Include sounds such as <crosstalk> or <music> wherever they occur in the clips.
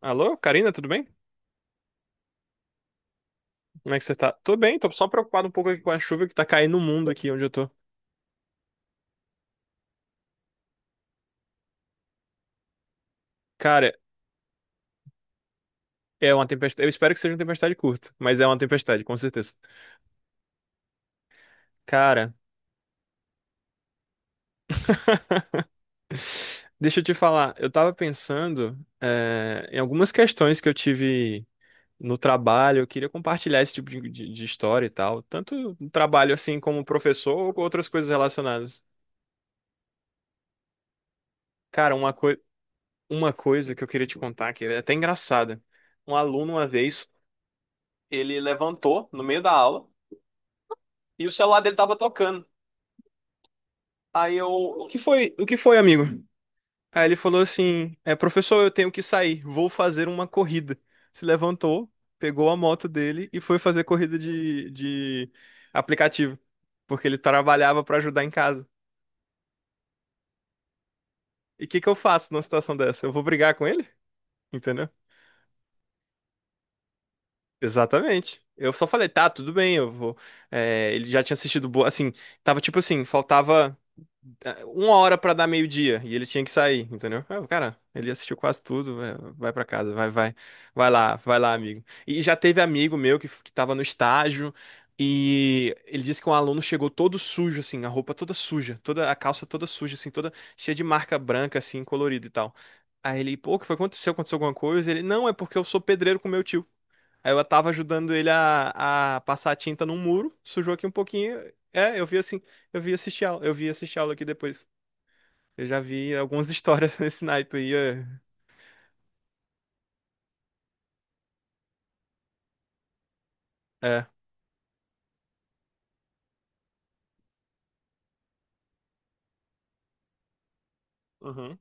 Alô, Karina, tudo bem? Como é que você tá? Tô bem, tô só preocupado um pouco aqui com a chuva que tá caindo no mundo aqui onde eu tô. Cara, é uma tempestade. Eu espero que seja uma tempestade curta, mas é uma tempestade, com certeza. Cara, deixa eu te falar, eu tava pensando, em algumas questões que eu tive no trabalho, eu queria compartilhar esse tipo de história e tal, tanto no trabalho assim como professor ou com outras coisas relacionadas. Cara, uma coisa que eu queria te contar, que é até engraçada. Um aluno uma vez, ele levantou no meio da aula. E o celular dele tava tocando. Aí eu: o que foi, o que foi, amigo? Aí ele falou assim: é, professor, eu tenho que sair, vou fazer uma corrida. Se levantou, pegou a moto dele e foi fazer corrida de aplicativo, porque ele trabalhava pra ajudar em casa. E o que que eu faço numa situação dessa? Eu vou brigar com ele? Entendeu? Exatamente. Eu só falei: tá, tudo bem, eu vou. É, ele já tinha assistido boa, assim, tava tipo assim, faltava uma hora pra dar meio-dia e ele tinha que sair, entendeu? Ah, cara, ele assistiu quase tudo, vai pra casa, vai, vai, vai lá, amigo. E já teve amigo meu que tava no estágio e ele disse que um aluno chegou todo sujo, assim, a roupa toda suja, toda a calça toda suja, assim, toda cheia de marca branca, assim, colorida e tal. Aí ele: pô, o que foi? Aconteceu? Aconteceu alguma coisa? Ele: não, é porque eu sou pedreiro com meu tio. Aí eu tava ajudando ele a passar a tinta num muro, sujou aqui um pouquinho. É, eu vi assim, eu vi assistir aula aqui depois. Eu já vi algumas histórias <laughs> nesse naipe aí. É. É. Uhum.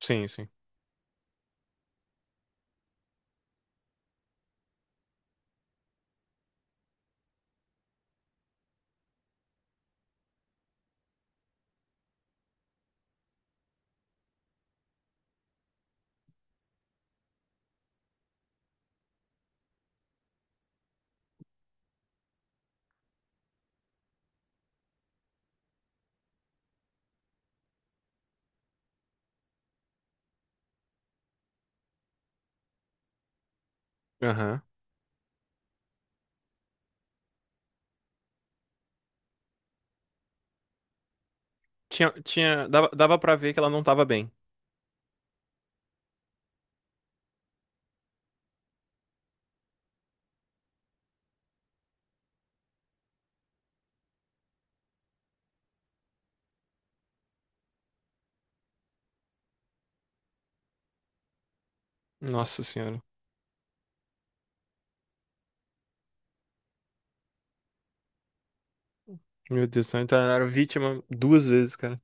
Sim, sim. Aham. Tinha, tinha, dava, dava pra ver que ela não tava bem. Nossa senhora. Meu Deus do céu. Então ela era vítima duas vezes, cara.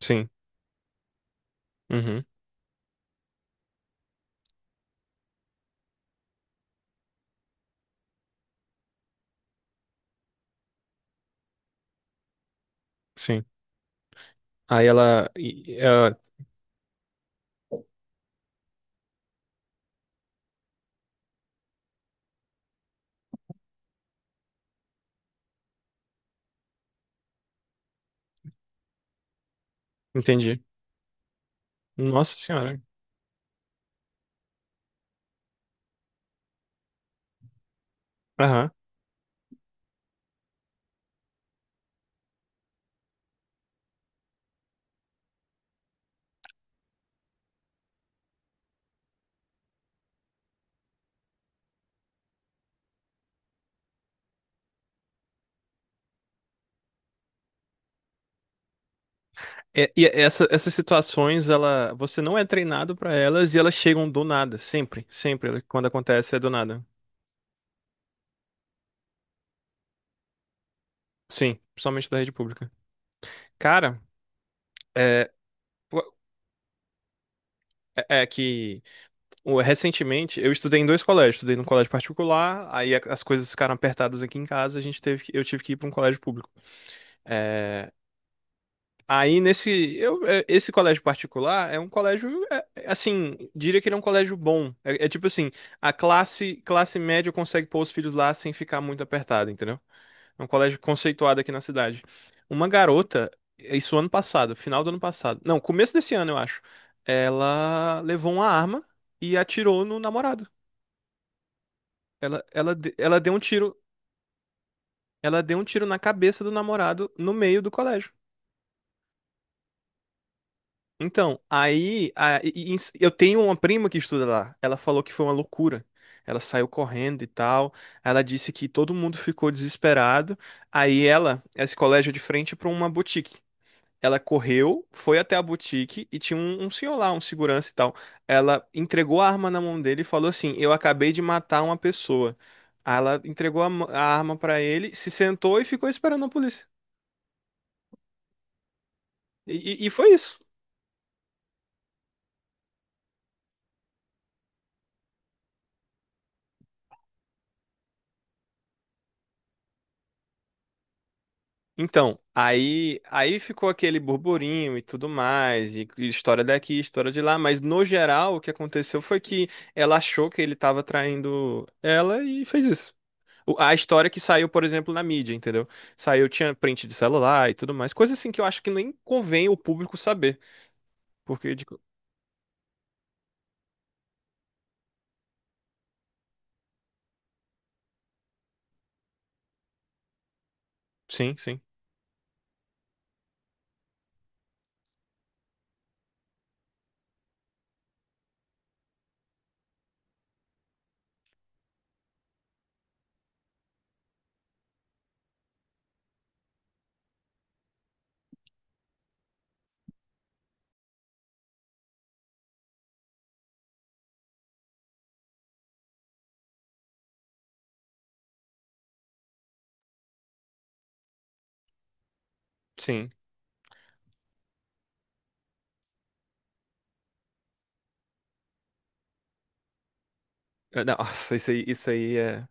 Sim. Uhum. Sim. Aí ela. E- ela- Entendi. Nossa senhora. Aham. É, essas situações, ela, você não é treinado pra elas e elas chegam do nada. Sempre. Sempre. Quando acontece, é do nada. Sim. Principalmente da rede pública. Cara, é, pô, é que. Recentemente, eu estudei em dois colégios. Estudei num colégio particular, aí as coisas ficaram apertadas aqui em casa, a gente teve, que- eu tive que ir para um colégio público. É, aí nesse, esse colégio particular é um colégio, é, é, assim, diria que ele é um colégio bom. É, é tipo assim, a classe média consegue pôr os filhos lá sem ficar muito apertada, entendeu? É um colégio conceituado aqui na cidade. Uma garota, isso ano passado, final do ano passado, não, começo desse ano, eu acho, ela levou uma arma e atirou no namorado. Ela, ela, de- ela deu um tiro, ela deu um tiro, na cabeça do namorado no meio do colégio. Então, aí, eu tenho uma prima que estuda lá. Ela falou que foi uma loucura. Ela saiu correndo e tal. Ela disse que todo mundo ficou desesperado. Aí ela, esse colégio é de frente para uma boutique. Ela correu, foi até a boutique e tinha um senhor lá, um segurança e tal. Ela entregou a arma na mão dele e falou assim: eu acabei de matar uma pessoa. Aí ela entregou a arma pra ele, se sentou e ficou esperando a polícia. E foi isso. Então, aí, aí ficou aquele burburinho e tudo mais, e história daqui, história de lá, mas no geral o que aconteceu foi que ela achou que ele estava traindo ela e fez isso. A história que saiu, por exemplo, na mídia, entendeu? Saiu, tinha print de celular e tudo mais. Coisa assim que eu acho que nem convém o público saber. Porque, de... co- sim, sim, sim. Eh, não, <laughs> nossa, isso aí é.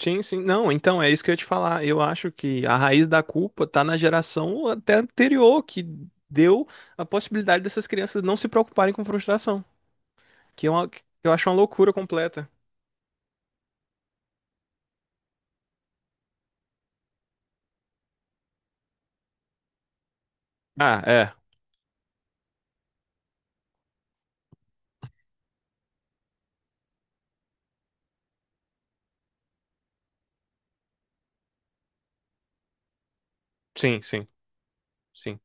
Sim, sim. Não, então é isso que eu ia te falar. Eu acho que a raiz da culpa tá na geração até anterior, que deu a possibilidade dessas crianças não se preocuparem com frustração. Que é uma, que eu acho uma loucura completa. Ah, é. Sim, sim, sim.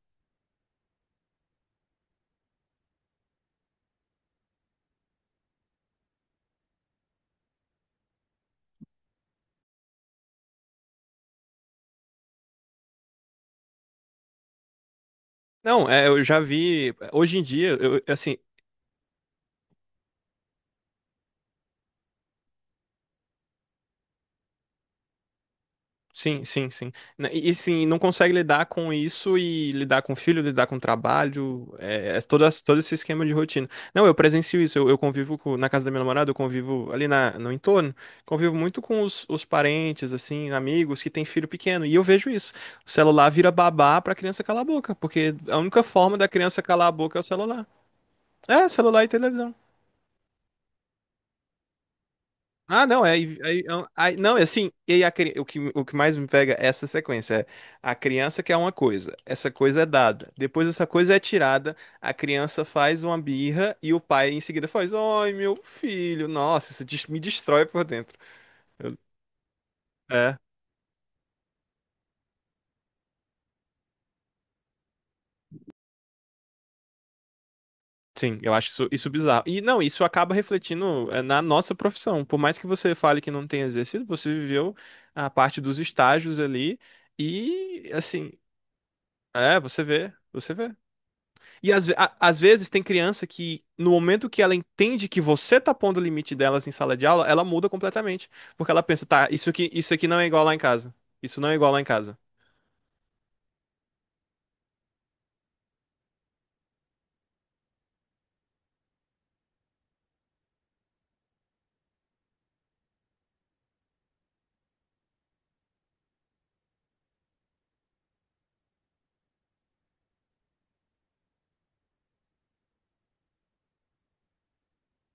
Não, é, eu já vi. Hoje em dia, eu, assim, sim, sim, sim. Sim, não consegue lidar com isso e lidar com o filho, lidar com o trabalho, é, é todo, todo esse esquema de rotina. Não, eu presencio isso, eu convivo na casa da minha namorada, eu convivo ali na, no entorno, convivo muito com os parentes, assim, amigos que têm filho pequeno, e eu vejo isso. O celular vira babá pra criança calar a boca, porque a única forma da criança calar a boca é o celular. É, celular e televisão. Ah, não, é, não, é assim, e aí o que mais me pega é essa sequência, é a criança quer uma coisa, essa coisa é dada, depois essa coisa é tirada, a criança faz uma birra e o pai em seguida faz, ai, meu filho, nossa, isso me destrói por dentro. Eu- é, sim, eu acho isso, isso bizarro. E não, isso acaba refletindo é, na nossa profissão, por mais que você fale que não tem exercido, você viveu a parte dos estágios ali e, assim, é, você vê, você vê. E às vezes tem criança que, no momento que ela entende que você tá pondo o limite delas em sala de aula, ela muda completamente. Porque ela pensa: tá, isso aqui não é igual lá em casa. Isso não é igual lá em casa.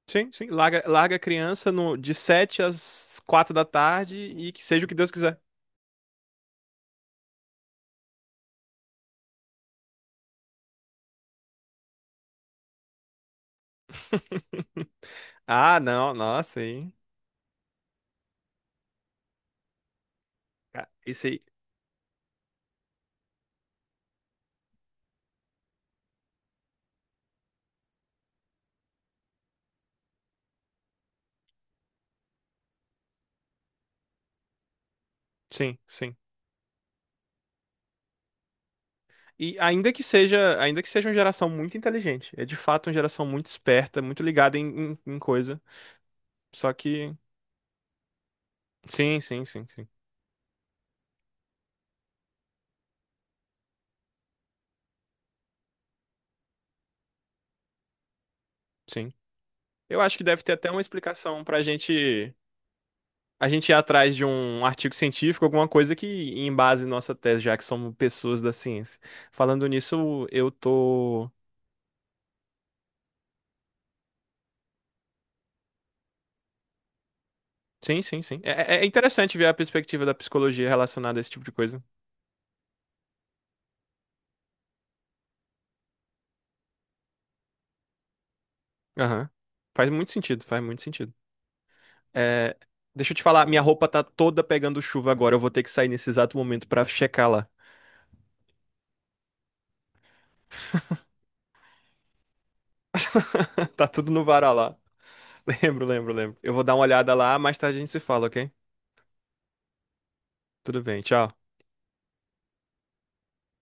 Sim, sim. Larga, larga a criança no, de 7 às 4 da tarde e que seja o que Deus quiser. <laughs> Ah, não, nossa, hein? Isso aí. Sim, sim. E ainda que seja uma geração muito inteligente, é de fato uma geração muito esperta, muito ligada em, em coisa. Só que. Sim, sim, sim. Sim. Eu acho que deve ter até uma explicação pra gente. A gente ir atrás de um artigo científico, alguma coisa que embase nossa tese, já que somos pessoas da ciência. Falando nisso, eu tô. Sim, sim, sim. É, é interessante ver a perspectiva da psicologia relacionada a esse tipo de coisa. Aham. Faz muito sentido, faz muito sentido. É, deixa eu te falar, minha roupa tá toda pegando chuva agora. Eu vou ter que sair nesse exato momento pra checar lá. <laughs> Tá tudo no varal lá. Lembro, lembro, lembro. Eu vou dar uma olhada lá, mais tarde a gente se fala, ok? Tudo bem, tchau.